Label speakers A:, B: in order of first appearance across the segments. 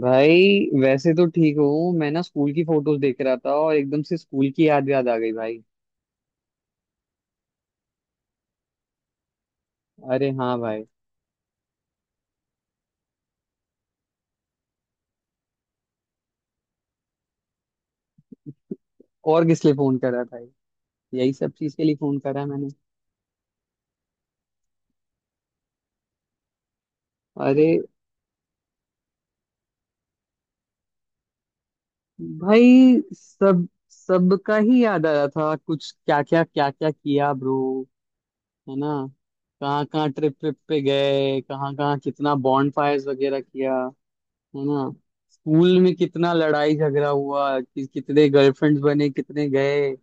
A: भाई वैसे तो ठीक हूँ। मैं ना स्कूल की फोटोज देख रहा था और एकदम से स्कूल की याद याद आ गई भाई। अरे हाँ भाई। और किस लिए फोन करा भाई? यही सब चीज के लिए फोन करा है मैंने। अरे भाई, सब सबका ही याद आ रहा था, कुछ क्या क्या क्या क्या किया ब्रो, है ना। कहाँ कहाँ ट्रिप ट्रिप पे गए, कहाँ कहाँ कितना बॉन्ड फायर्स वगैरह किया, है ना। स्कूल में कितना लड़ाई झगड़ा हुआ कि, कितने गर्लफ्रेंड्स बने कितने गए।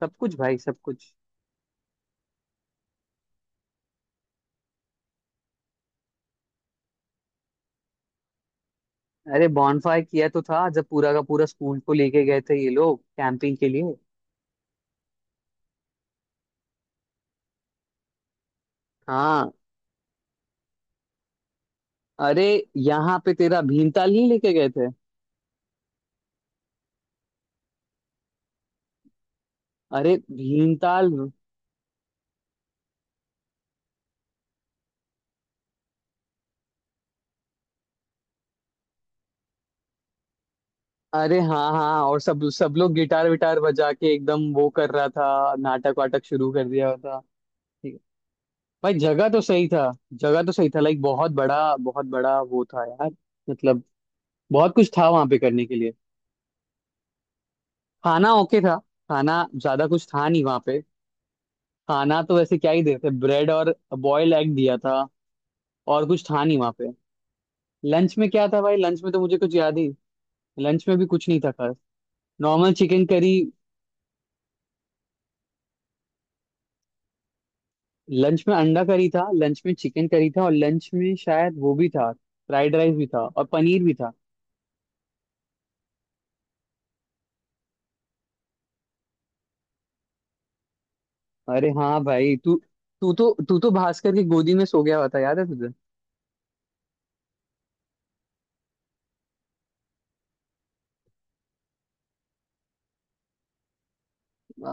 A: सब कुछ भाई, सब कुछ। अरे बॉनफायर किया तो था जब पूरा का पूरा स्कूल को लेके गए थे ये लोग कैंपिंग के लिए। हाँ, अरे यहाँ पे तेरा भीमताल नहीं लेके गए थे? अरे भीमताल। अरे हाँ हाँ, और सब सब लोग गिटार विटार बजा के एकदम वो कर रहा था, नाटक वाटक शुरू कर दिया हुआ था। ठीक है। भाई जगह तो सही था। जगह तो सही था, लाइक बहुत बड़ा वो था यार। मतलब बहुत कुछ था वहां पे करने के लिए। खाना ओके था। खाना ज्यादा कुछ था नहीं वहां पे। खाना तो वैसे क्या ही देते, ब्रेड और बॉयल एग दिया था। और कुछ था नहीं वहां पे। लंच में क्या था भाई, लंच में तो मुझे कुछ याद ही। लंच में भी कुछ नहीं था खास, नॉर्मल चिकन करी। लंच में अंडा करी था, लंच में चिकन करी था, और लंच में शायद वो भी था। फ्राइड राइस भी था और पनीर भी था। अरे हाँ भाई, तू तू तो भास्कर की गोदी में सो गया हुआ था, याद है तुझे?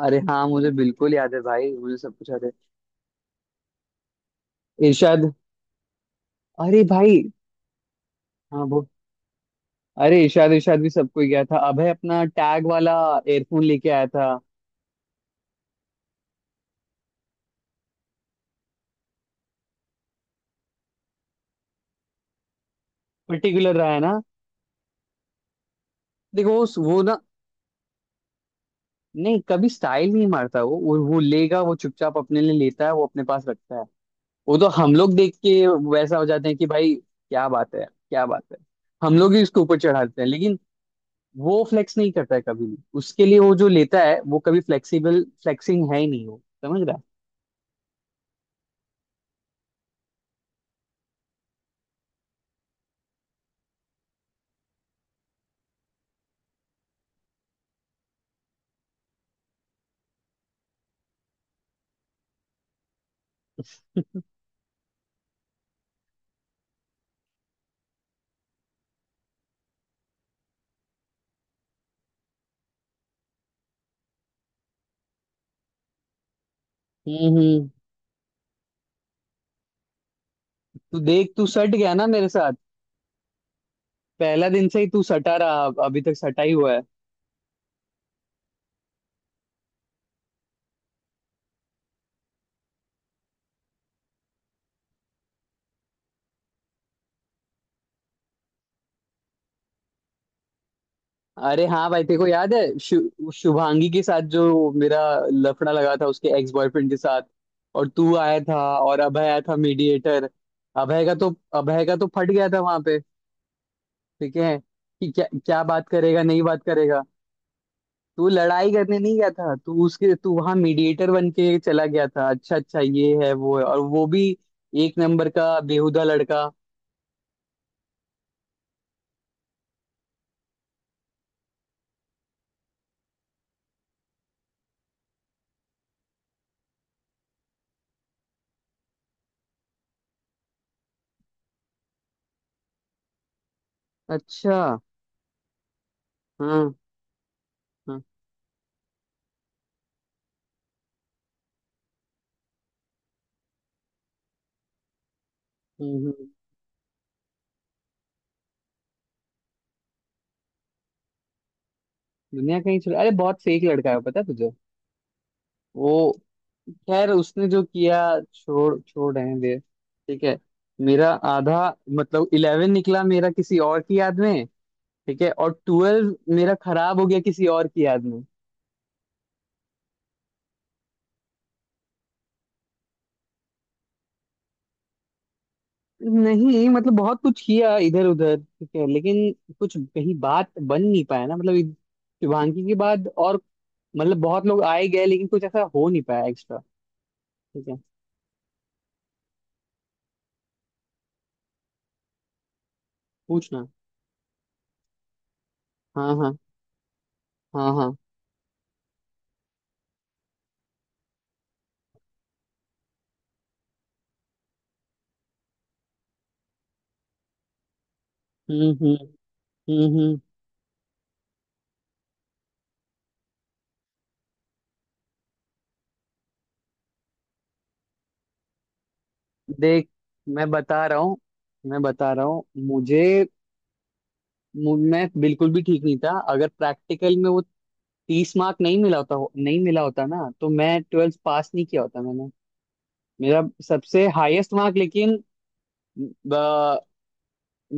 A: अरे हाँ, मुझे बिल्कुल याद है भाई, मुझे सब कुछ याद है। इरशाद। अरे भाई, हाँ। अरे इशाद इशाद भी सबको ही गया था। अभय अपना टैग वाला एयरफोन लेके आया था। पर्टिकुलर रहा है ना। देखो वो ना, नहीं कभी स्टाइल नहीं मारता वो, वो लेगा, वो चुपचाप अपने लिए लेता है, वो अपने पास रखता है। वो तो हम लोग देख के वैसा हो जाते हैं कि भाई क्या बात है क्या बात है। हम लोग ही उसके ऊपर चढ़ाते हैं, लेकिन वो फ्लेक्स नहीं करता है कभी भी। उसके लिए वो जो लेता है, वो कभी फ्लेक्सिबल फ्लेक्सिंग है ही नहीं वो, समझ रहा है? हम्म, हम्म। तू देख, तू सट गया ना मेरे साथ। पहला दिन से ही तू सटा रहा, अभी तक सटा ही हुआ है। अरे हाँ भाई, तेरे को याद है शुभांगी के साथ जो मेरा लफड़ा लगा था उसके एक्स बॉयफ्रेंड के साथ। और तू आया था और अभय आया था मीडिएटर। अभय का तो फट गया था वहां पे। ठीक है कि क्या क्या बात करेगा नहीं बात करेगा। तू लड़ाई करने नहीं गया था, तू उसके तू वहां मीडिएटर बन के चला गया था, अच्छा अच्छा, ये है वो है और वो भी एक नंबर का बेहुदा लड़का। अच्छा हाँ। हाँ। हम्म, हम्म। दुनिया कहीं चला, अरे बहुत फेक लड़का है, पता है तुझे वो। खैर उसने जो किया, छोड़ छोड़ रहने दे, ठीक है। मेरा आधा, मतलब 11 निकला मेरा किसी और की याद में। ठीक है, और 12 मेरा खराब हो गया किसी और की याद में। नहीं मतलब बहुत कुछ किया इधर उधर ठीक है, लेकिन कुछ कहीं बात बन नहीं पाया ना। मतलब शुभांगी के बाद और, मतलब बहुत लोग आए गए लेकिन कुछ ऐसा हो नहीं पाया एक्स्ट्रा, ठीक है। पूछना। हाँ हाँ। हाँ हाँ। हम्म। हम्म हम्म। देख, मैं बता रहा हूँ, मैं बता रहा हूँ मुझे मैं बिल्कुल भी ठीक नहीं था। अगर प्रैक्टिकल में वो 30 मार्क नहीं मिला होता नहीं मिला होता ना, तो मैं 12th पास नहीं किया होता मैंने। मेरा सबसे हाईएस्ट मार्क, लेकिन ब-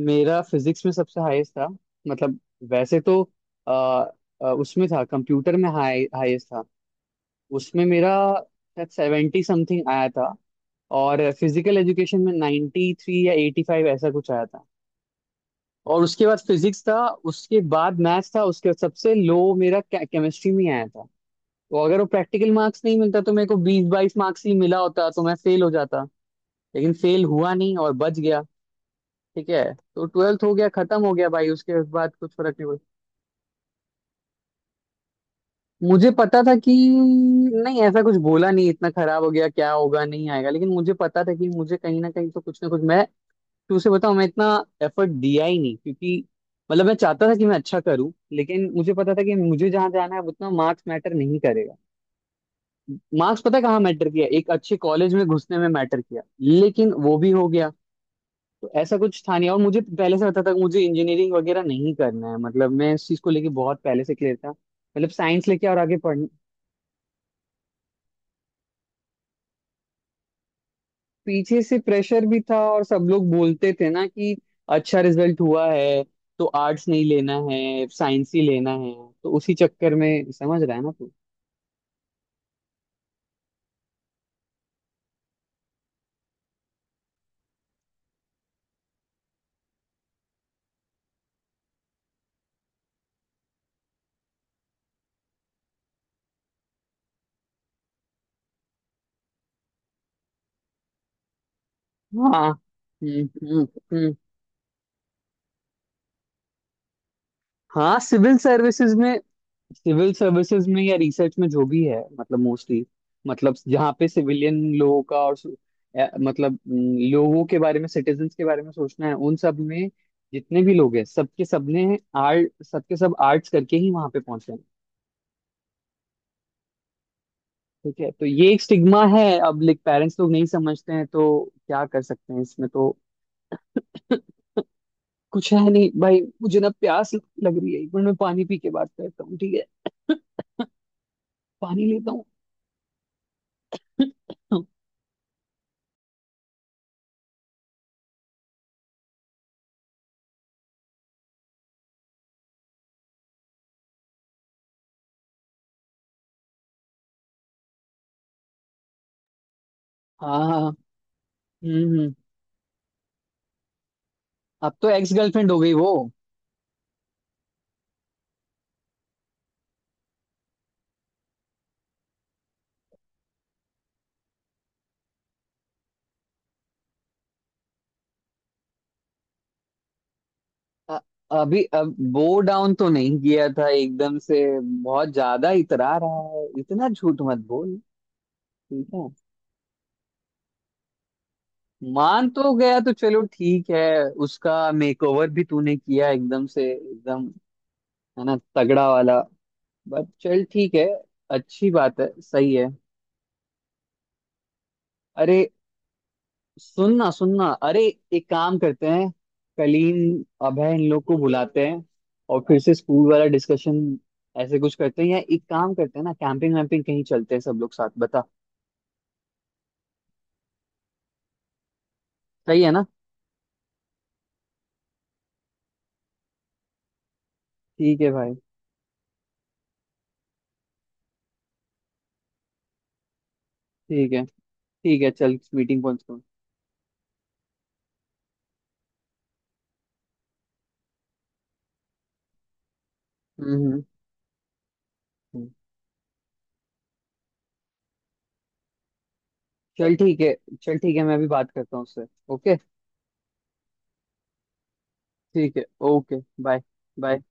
A: मेरा फिजिक्स में सबसे हाईएस्ट था। मतलब वैसे तो अ, उसमें था, कंप्यूटर में हाईएस्ट था। उसमें मेरा शायद 70 समथिंग आया था। और फिजिकल एजुकेशन में 93 या 85 ऐसा कुछ आया था। और उसके बाद फिजिक्स था, उसके बाद मैथ्स था, उसके बाद सबसे लो मेरा केमिस्ट्री में आया था। तो अगर वो प्रैक्टिकल मार्क्स नहीं मिलता तो मेरे को 20-22 मार्क्स ही मिला होता, तो मैं फेल हो जाता। लेकिन फेल हुआ नहीं और बच गया। ठीक है, तो 12th हो गया, खत्म हो गया भाई, उसके बाद कुछ फर्क नहीं पड़ा। मुझे पता था कि, नहीं ऐसा कुछ बोला नहीं इतना खराब हो गया क्या होगा नहीं आएगा, लेकिन मुझे पता था कि मुझे कहीं ना कहीं तो कुछ ना कुछ मैं, तो उसे बताओ, मैं इतना एफर्ट दिया ही नहीं क्योंकि, मतलब मैं चाहता था कि मैं अच्छा करूं, लेकिन मुझे पता था कि मुझे जहां जाना है उतना मार्क्स मैटर नहीं करेगा। मार्क्स पता है कहाँ मैटर किया, एक अच्छे कॉलेज में घुसने में मैटर किया, लेकिन वो भी हो गया। तो ऐसा कुछ था नहीं। और मुझे पहले से पता था कि मुझे इंजीनियरिंग वगैरह नहीं करना है, मतलब मैं इस चीज को लेके बहुत पहले से क्लियर था, मतलब साइंस लेके और आगे पढ़। पीछे से प्रेशर भी था, और सब लोग बोलते थे ना कि अच्छा रिजल्ट हुआ है तो आर्ट्स नहीं लेना है, साइंस ही लेना है। तो उसी चक्कर में, समझ रहा है ना तू। हाँ। हम्म। हम्म। हाँ सिविल सर्विसेज में, सिविल सर्विसेज में या रिसर्च में जो भी है, मतलब मोस्टली, मतलब जहाँ पे सिविलियन लोगों का और मतलब लोगों के बारे में, सिटीजन्स के बारे में सोचना है, उन सब में जितने भी लोग हैं, सबके सबने आर्ट सबके सब आर्ट्स करके ही वहां पे पहुंचे हैं। ठीक है तो ये एक स्टिग्मा है। अब लाइक पेरेंट्स लोग नहीं समझते हैं तो क्या कर सकते हैं इसमें तो कुछ है नहीं भाई। मुझे ना प्यास लग रही है, 1 मिनट मैं पानी पी के बात करता हूँ, ठीक है। पानी लेता हूँ। हाँ हाँ। हम्म हम्म। अब तो एक्स गर्लफ्रेंड हो गई वो। अ- अभी अब वो डाउन तो नहीं किया था एकदम से। बहुत ज्यादा इतरा रहा है, इतना झूठ मत बोल, ठीक है। मान तो गया तो चलो ठीक है। उसका मेकओवर भी तूने किया एकदम से एकदम, है ना, तगड़ा वाला। बट चल ठीक है, अच्छी बात है, सही है। अरे सुनना सुनना, अरे एक काम करते हैं, कलीन अभय इन लोग को बुलाते हैं, और फिर से स्कूल वाला डिस्कशन ऐसे कुछ करते हैं। या एक काम करते हैं ना, कैंपिंग वैम्पिंग कहीं चलते हैं सब लोग साथ, बता। सही है ना। ठीक है भाई। ठीक है, ठीक है, चल मीटिंग पहुंच गया। हम्म। हम्म। चल ठीक है, चल ठीक है, मैं अभी बात करता हूँ उससे। ओके, ठीक है। Okay, bye, bye.